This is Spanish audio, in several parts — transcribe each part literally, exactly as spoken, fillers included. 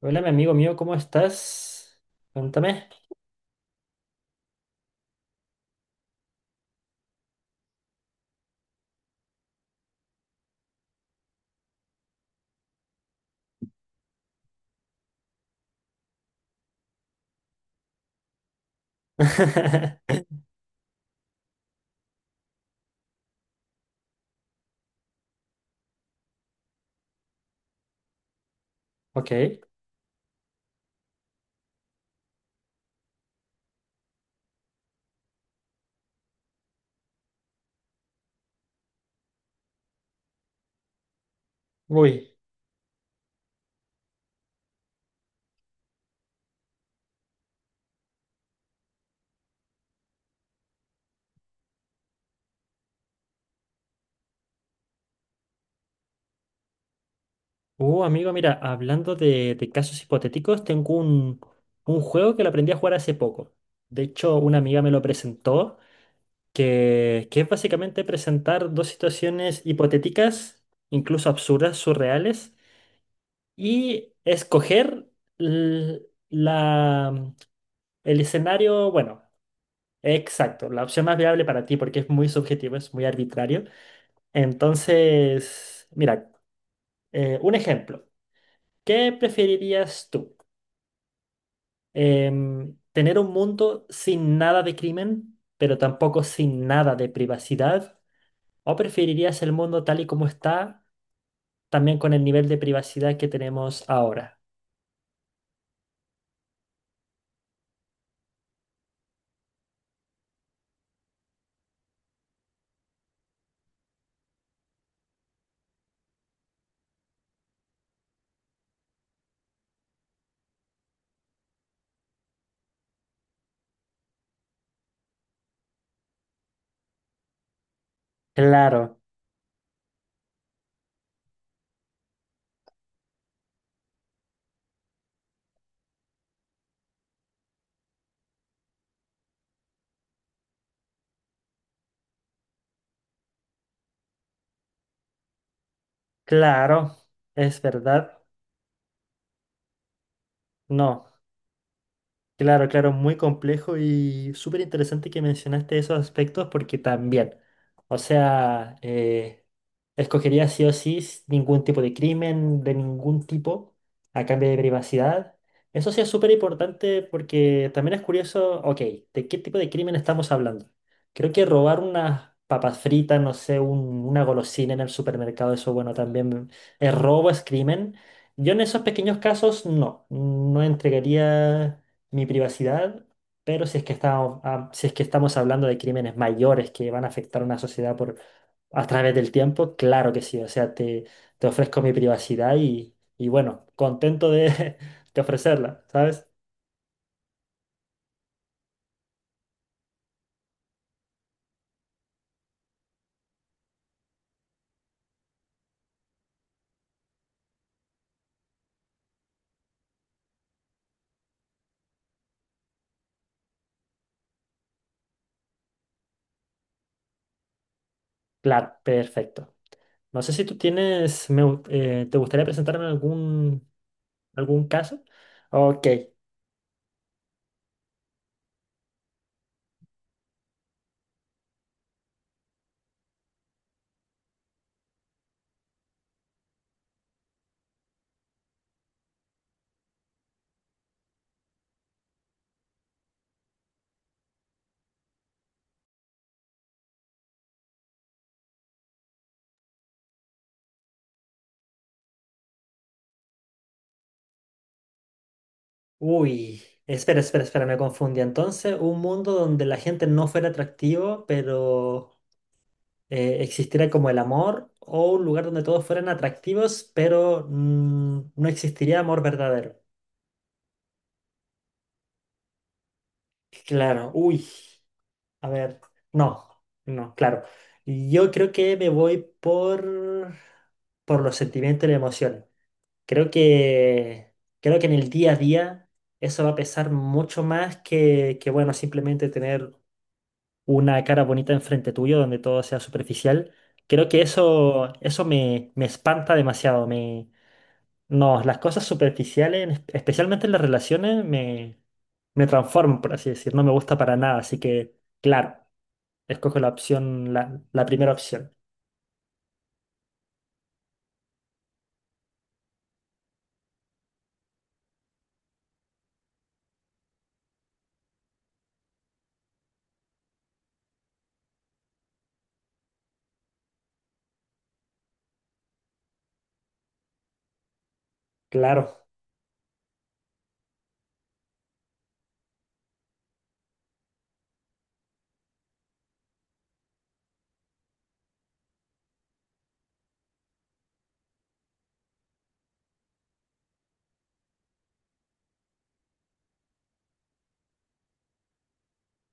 Hola, mi amigo mío, ¿cómo estás? Cuéntame. Ok. Uy. Uh, amigo, mira, hablando de, de casos hipotéticos, tengo un, un juego que lo aprendí a jugar hace poco. De hecho, una amiga me lo presentó, que, que es básicamente presentar dos situaciones hipotéticas, incluso absurdas, surreales, y escoger l- la, el escenario, bueno, exacto, la opción más viable para ti, porque es muy subjetivo, es muy arbitrario. Entonces, mira, eh, un ejemplo. ¿Qué preferirías tú? Em, ¿tener un mundo sin nada de crimen, pero tampoco sin nada de privacidad? ¿O preferirías el mundo tal y como está, también con el nivel de privacidad que tenemos ahora? Claro, claro, es verdad. No. Claro, claro, muy complejo y súper interesante que mencionaste esos aspectos porque también, o sea, eh, escogería sí o sí s- ningún tipo de crimen, de ningún tipo, a cambio de privacidad. Eso sí es súper importante porque también es curioso, ok, ¿de qué tipo de crimen estamos hablando? Creo que robar unas papas fritas, no sé, un- una golosina en el supermercado, eso bueno, también es robo, es crimen. Yo en esos pequeños casos no, no entregaría mi privacidad, pero si es que estamos, ah, si es que estamos hablando de crímenes mayores que van a afectar a una sociedad por, a través del tiempo, claro que sí, o sea, te, te ofrezco mi privacidad y, y bueno, contento de, de ofrecerla, ¿sabes? Claro, perfecto. No sé si tú tienes, me gu- eh, ¿te gustaría presentarme algún, algún caso? Ok, uy. Espera, espera, espera, me confundí. Entonces, ¿un mundo donde la gente no fuera atractivo, pero eh, existiera como el amor, o un lugar donde todos fueran atractivos, pero mm, no existiría amor verdadero? Claro, uy, a ver, no, no, claro. Yo creo que me voy por, por los sentimientos y la emoción. Creo que, creo que en el día a día eso va a pesar mucho más que, que, bueno, simplemente tener una cara bonita enfrente tuyo donde todo sea superficial. Creo que eso, eso me, me espanta demasiado. No, las cosas superficiales, en es- especialmente en las relaciones, me, me transforman, por así decir. No me gusta para nada, así que, claro, escojo la opción, la, la primera opción. Claro.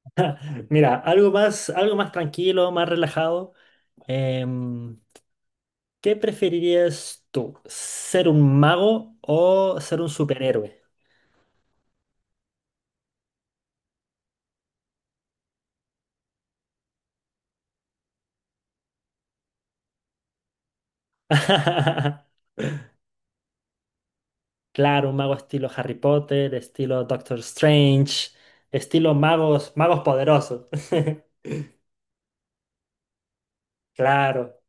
Mira, algo más, algo más tranquilo, más relajado. Em, ¿qué preferirías tú? ¿Ser un mago o ser un superhéroe? Claro, un mago estilo Harry Potter, estilo Doctor Strange, estilo magos, magos poderosos. Claro.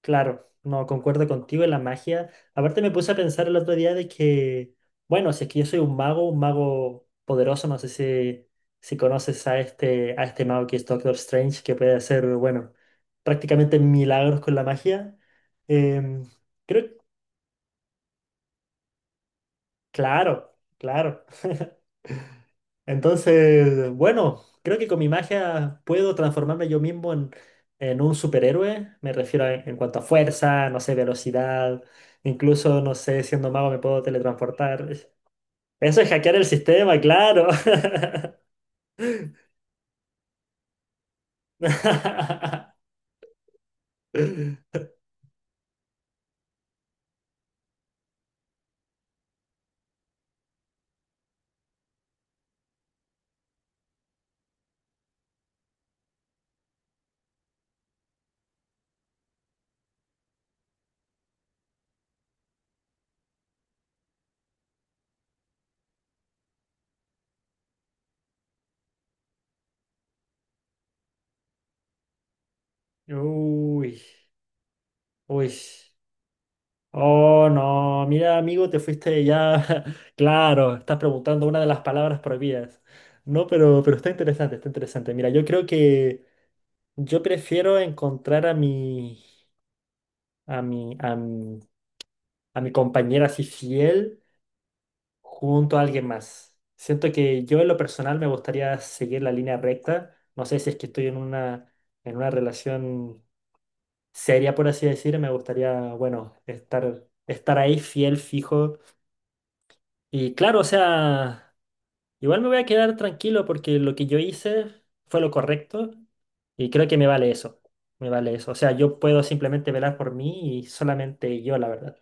Claro, no, concuerdo contigo en la magia. Aparte me puse a pensar el otro día de que, bueno, si es que yo soy un mago, un mago poderoso, no sé si, si conoces a este, a este mago que es Doctor Strange, que puede hacer, bueno, prácticamente milagros con la magia. Em, creo, claro, claro. Entonces, bueno, creo que con mi magia puedo transformarme yo mismo en, en un superhéroe. Me refiero a- en cuanto a fuerza, no sé, velocidad, incluso, no sé, siendo mago me puedo teletransportar. Eso es hackear el sistema, claro. Uy, uy. Oh, no, mira, amigo, te fuiste ya. Claro, estás preguntando una de las palabras prohibidas. No, pero, pero está interesante, está interesante. Mira, yo creo que... Yo prefiero encontrar a mi, a mi, a mi, a mi compañera así fiel junto a alguien más. Siento que yo en lo personal me gustaría seguir la línea recta. No sé si es que estoy en una, en una relación seria, por así decir. Me gustaría, bueno, estar, estar ahí fiel, fijo. Y claro, o sea... Igual me voy a quedar tranquilo porque lo que yo hice fue lo correcto y creo que me vale eso. Me vale eso. O sea, yo puedo simplemente velar por mí y solamente yo, la verdad.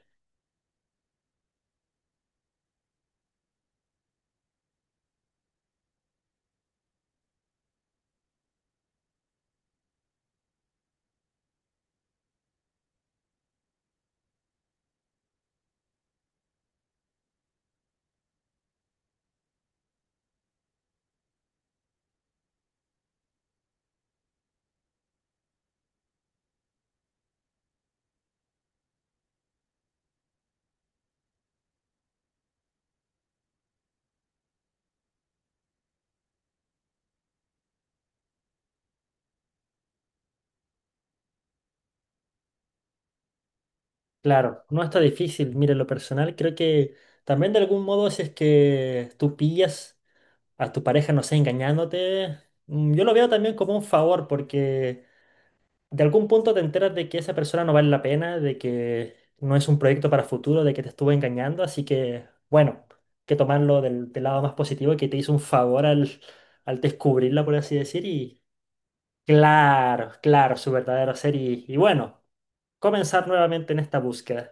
Claro, no está difícil. Mire, lo personal, creo que también de algún modo si es que tú pillas a tu pareja, no sé, engañándote, mm, yo lo veo también como un favor porque de algún punto te enteras de que esa persona no vale la pena, de que no es un proyecto para futuro, de que te estuvo engañando, así que, bueno, que tomarlo del, del lado más positivo, que te hizo un favor al, al descubrirla, por así decir, y claro, claro, su verdadero ser, y, y bueno, comenzar nuevamente en esta búsqueda.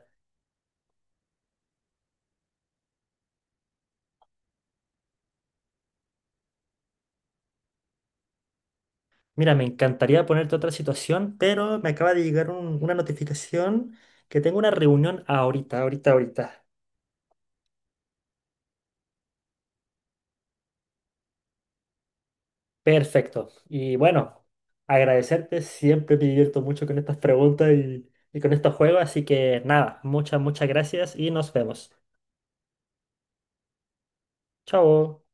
Mira, me encantaría ponerte otra situación, pero me acaba de llegar un- una notificación que tengo una reunión ahorita, ahorita, ahorita. Perfecto. Y bueno, agradecerte. Siempre me divierto mucho con estas preguntas y, y con estos juegos. Así que nada, muchas, muchas gracias y nos vemos. Chao.